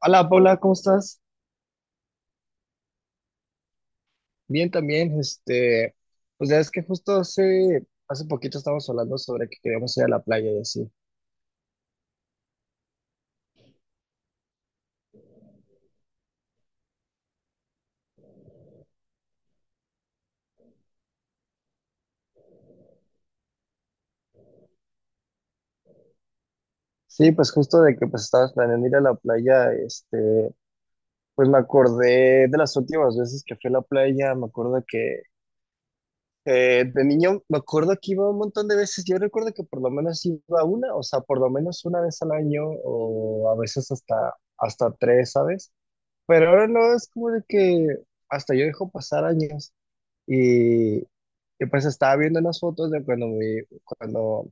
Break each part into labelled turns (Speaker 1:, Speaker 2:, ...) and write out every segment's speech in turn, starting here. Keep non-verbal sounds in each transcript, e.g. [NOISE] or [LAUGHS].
Speaker 1: Hola Paula, ¿cómo estás? Bien también, pues ya es que justo hace poquito estábamos hablando sobre que queríamos ir a la playa y así. Sí, pues justo de que pues estabas planeando ir a la playa, pues me acordé de las últimas veces que fui a la playa, me acuerdo que de niño, me acuerdo que iba un montón de veces, yo recuerdo que por lo menos iba una, o sea, por lo menos una vez al año o a veces hasta, hasta tres, ¿sabes? Pero ahora no, es como de que hasta yo dejo pasar años. Y pues estaba viendo unas fotos de cuando me, cuando,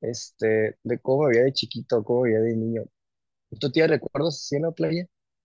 Speaker 1: de cómo me veía de chiquito, cómo me veía de niño. ¿Tú tienes recuerdos así en la playa? [LAUGHS]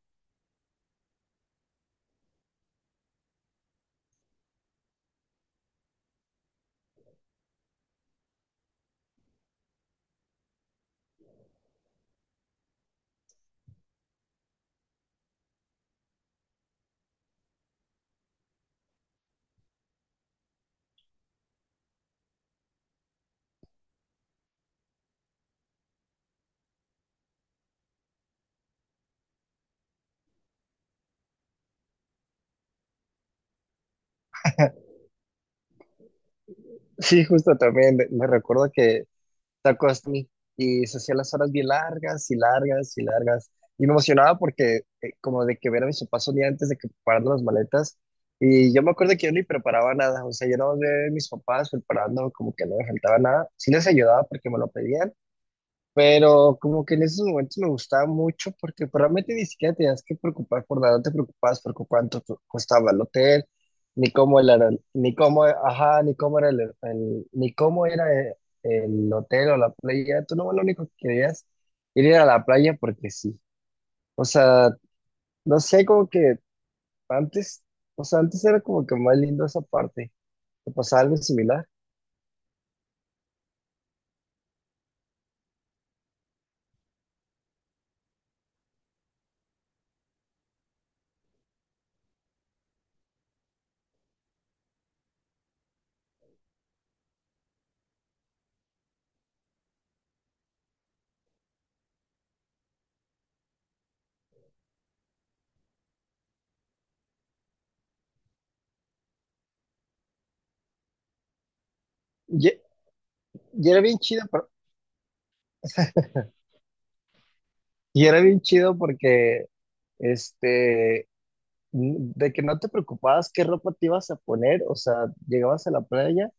Speaker 1: Sí, justo también. Me recuerdo que te acostas y se hacían las horas bien largas y largas y largas. Y me emocionaba porque como de que ver a mis papás un día antes de que prepararan las maletas. Y yo me acuerdo que yo ni preparaba nada. O sea, yo no veía a mis papás preparando como que no me faltaba nada. Sí les ayudaba porque me lo pedían. Pero como que en esos momentos me gustaba mucho porque pues, realmente ni siquiera tenías que preocupar por nada, no te preocupabas por cuánto costaba el hotel, ni cómo era, ni cómo, ajá, ni cómo era ni cómo era el hotel o la playa. Tú no, lo único que querías era a la playa porque sí. O sea, no sé, como que antes, o sea, antes era como que más lindo esa parte. ¿Te pasaba algo similar? Y, y era bien chido, y era bien chido porque este, de que no te preocupabas qué ropa te ibas a poner, o sea, llegabas a la playa,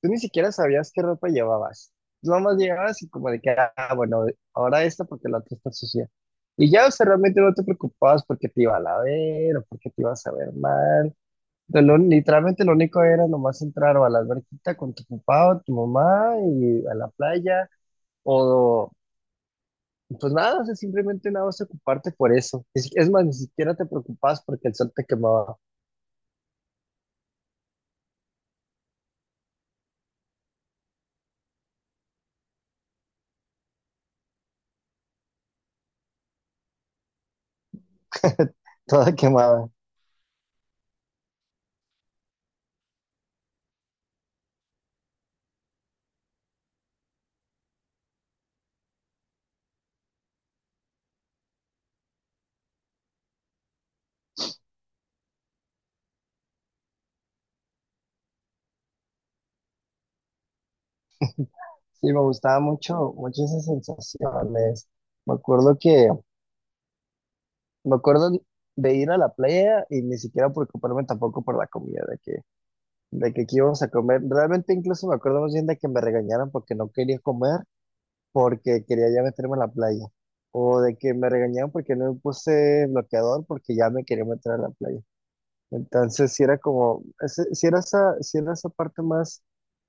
Speaker 1: tú ni siquiera sabías qué ropa llevabas. Nomás llegabas y como de que, ah, bueno, ahora esta porque la otra está sucia. Y ya, o sea, realmente no te preocupabas porque te iba a la ver o porque te ibas a ver mal. Literalmente lo único era nomás entrar o a la alberquita con tu papá o tu mamá y a la playa o pues nada, o sea, simplemente nada vas a ocuparte por eso. Es más, ni siquiera te preocupabas porque el sol te quemaba. [LAUGHS] Toda quemada. Sí, me gustaba mucho, mucho esa sensación. Me acuerdo que, me acuerdo de ir a la playa y ni siquiera preocuparme tampoco por la comida, de que qué íbamos a comer. Realmente incluso me acuerdo más bien de que me regañaron porque no quería comer, porque quería ya meterme a la playa. O de que me regañaron porque no me puse bloqueador porque ya me quería meter a la playa. Entonces sí era como, sí era esa parte más,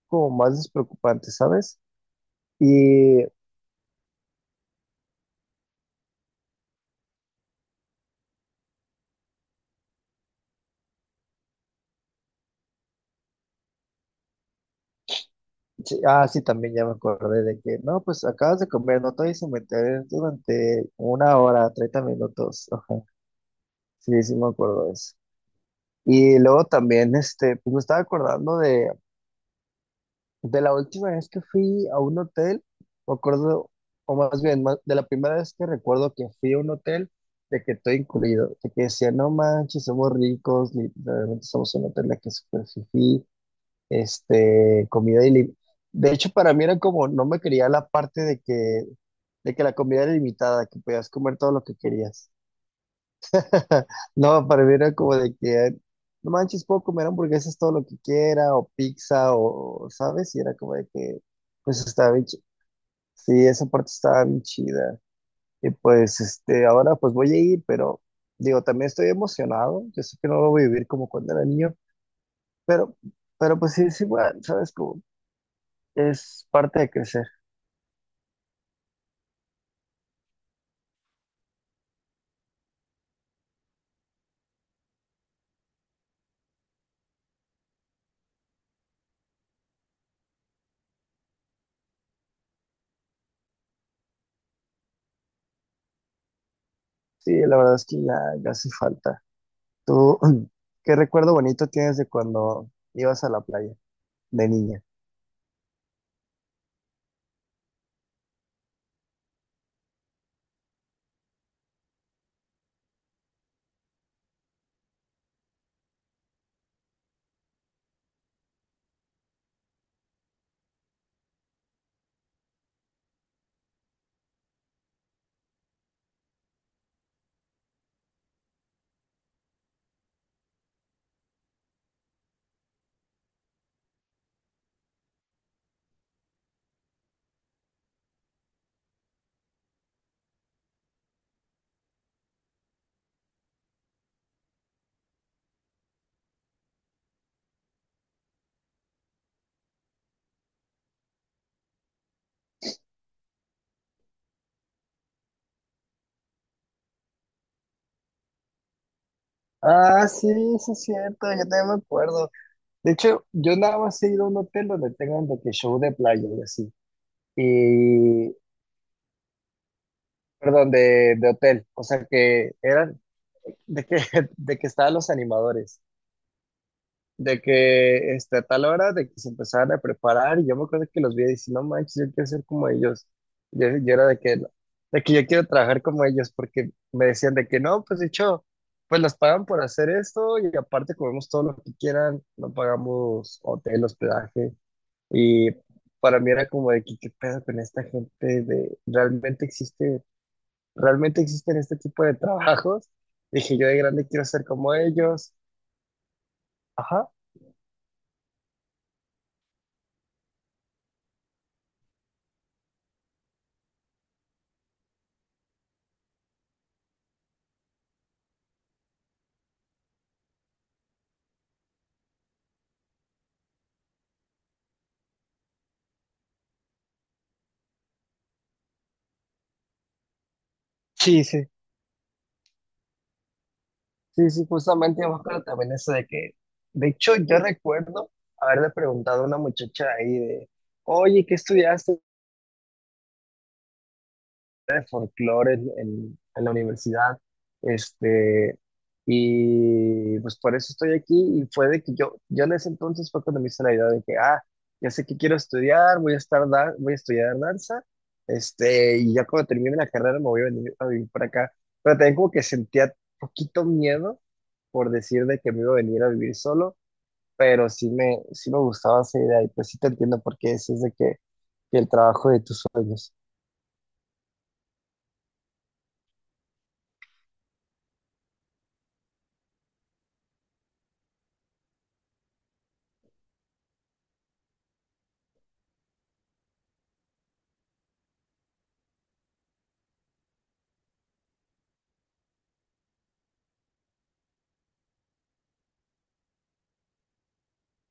Speaker 1: como más despreocupante, ¿sabes? Y sí, ah, sí, también ya me acordé de que, no, pues acabas de comer, no te vayas a meter durante una hora, 30 minutos. [LAUGHS] Ajá. Sí, sí me acuerdo de eso. Y luego también, pues me estaba acordando de la última vez que fui a un hotel, me acuerdo, o más bien, de la primera vez que recuerdo que fui a un hotel, de que todo incluido, de que decía, no manches, somos ricos, literalmente somos un hotel de que es súper fifí, comida ilimitada. De hecho, para mí era como, no me quería la parte de que la comida era ilimitada, que podías comer todo lo que querías. [LAUGHS] No, para mí era como de que, no manches, puedo comer hamburguesas todo lo que quiera, o pizza, o, ¿sabes? Y era como de que, pues estaba bien, sí, esa parte estaba bien chida. Y pues, ahora pues voy a ir, pero digo, también estoy emocionado, yo sé que no lo voy a vivir como cuando era niño, pero, pero pues sí, es igual, ¿sabes? Es parte de crecer. Sí, la verdad es que ya hace falta. ¿Tú [CLEARS THROAT] qué recuerdo bonito tienes de cuando ibas a la playa de niña? Ah, sí, sí es cierto, yo también me acuerdo. De hecho, yo nada más he ido a un hotel donde tengan de que show de playa y así. Y, perdón, de hotel. O sea que eran de que, [LAUGHS] de que estaban los animadores. De que a tal hora de que se empezaban a preparar y yo me acuerdo que los vi y dije, no manches, yo quiero ser como ellos. Yo era de que yo quiero trabajar como ellos porque me decían de que no, pues de hecho, pues las pagan por hacer esto y aparte comemos todo lo que quieran, no pagamos hotel, hospedaje y para mí era como de que qué pedo con esta gente de realmente existe, realmente existen este tipo de trabajos. Dije, yo de grande quiero ser como ellos. Ajá. Sí, sí. Sí, sí, justamente me acuerdo también eso de que, de hecho, yo recuerdo haberle preguntado a una muchacha ahí de, oye, ¿qué estudiaste de folclore en la universidad? Este, y pues por eso estoy aquí y fue de que yo en ese entonces fue cuando me hice la idea de que, ah, ya sé que quiero estudiar, voy a estar, voy a estudiar danza, y ya cuando termine la carrera me voy a venir a vivir para acá. Pero también como que sentía poquito miedo por decir de que me iba a venir a vivir solo pero sí me gustaba esa idea y pues sí te entiendo por qué decís de que el trabajo de tus sueños.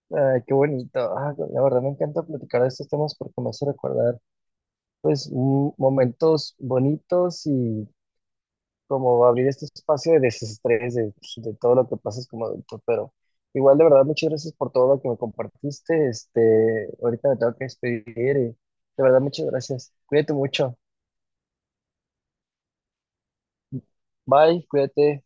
Speaker 1: Ay, qué bonito. Ah, la verdad me encanta platicar de estos temas porque me hace recordar pues momentos bonitos y como abrir este espacio de desestrés de, pues, de todo lo que pasas como adulto. Pero igual de verdad muchas gracias por todo lo que me compartiste. Ahorita me tengo que despedir y de verdad muchas gracias. Cuídate mucho. Bye, cuídate.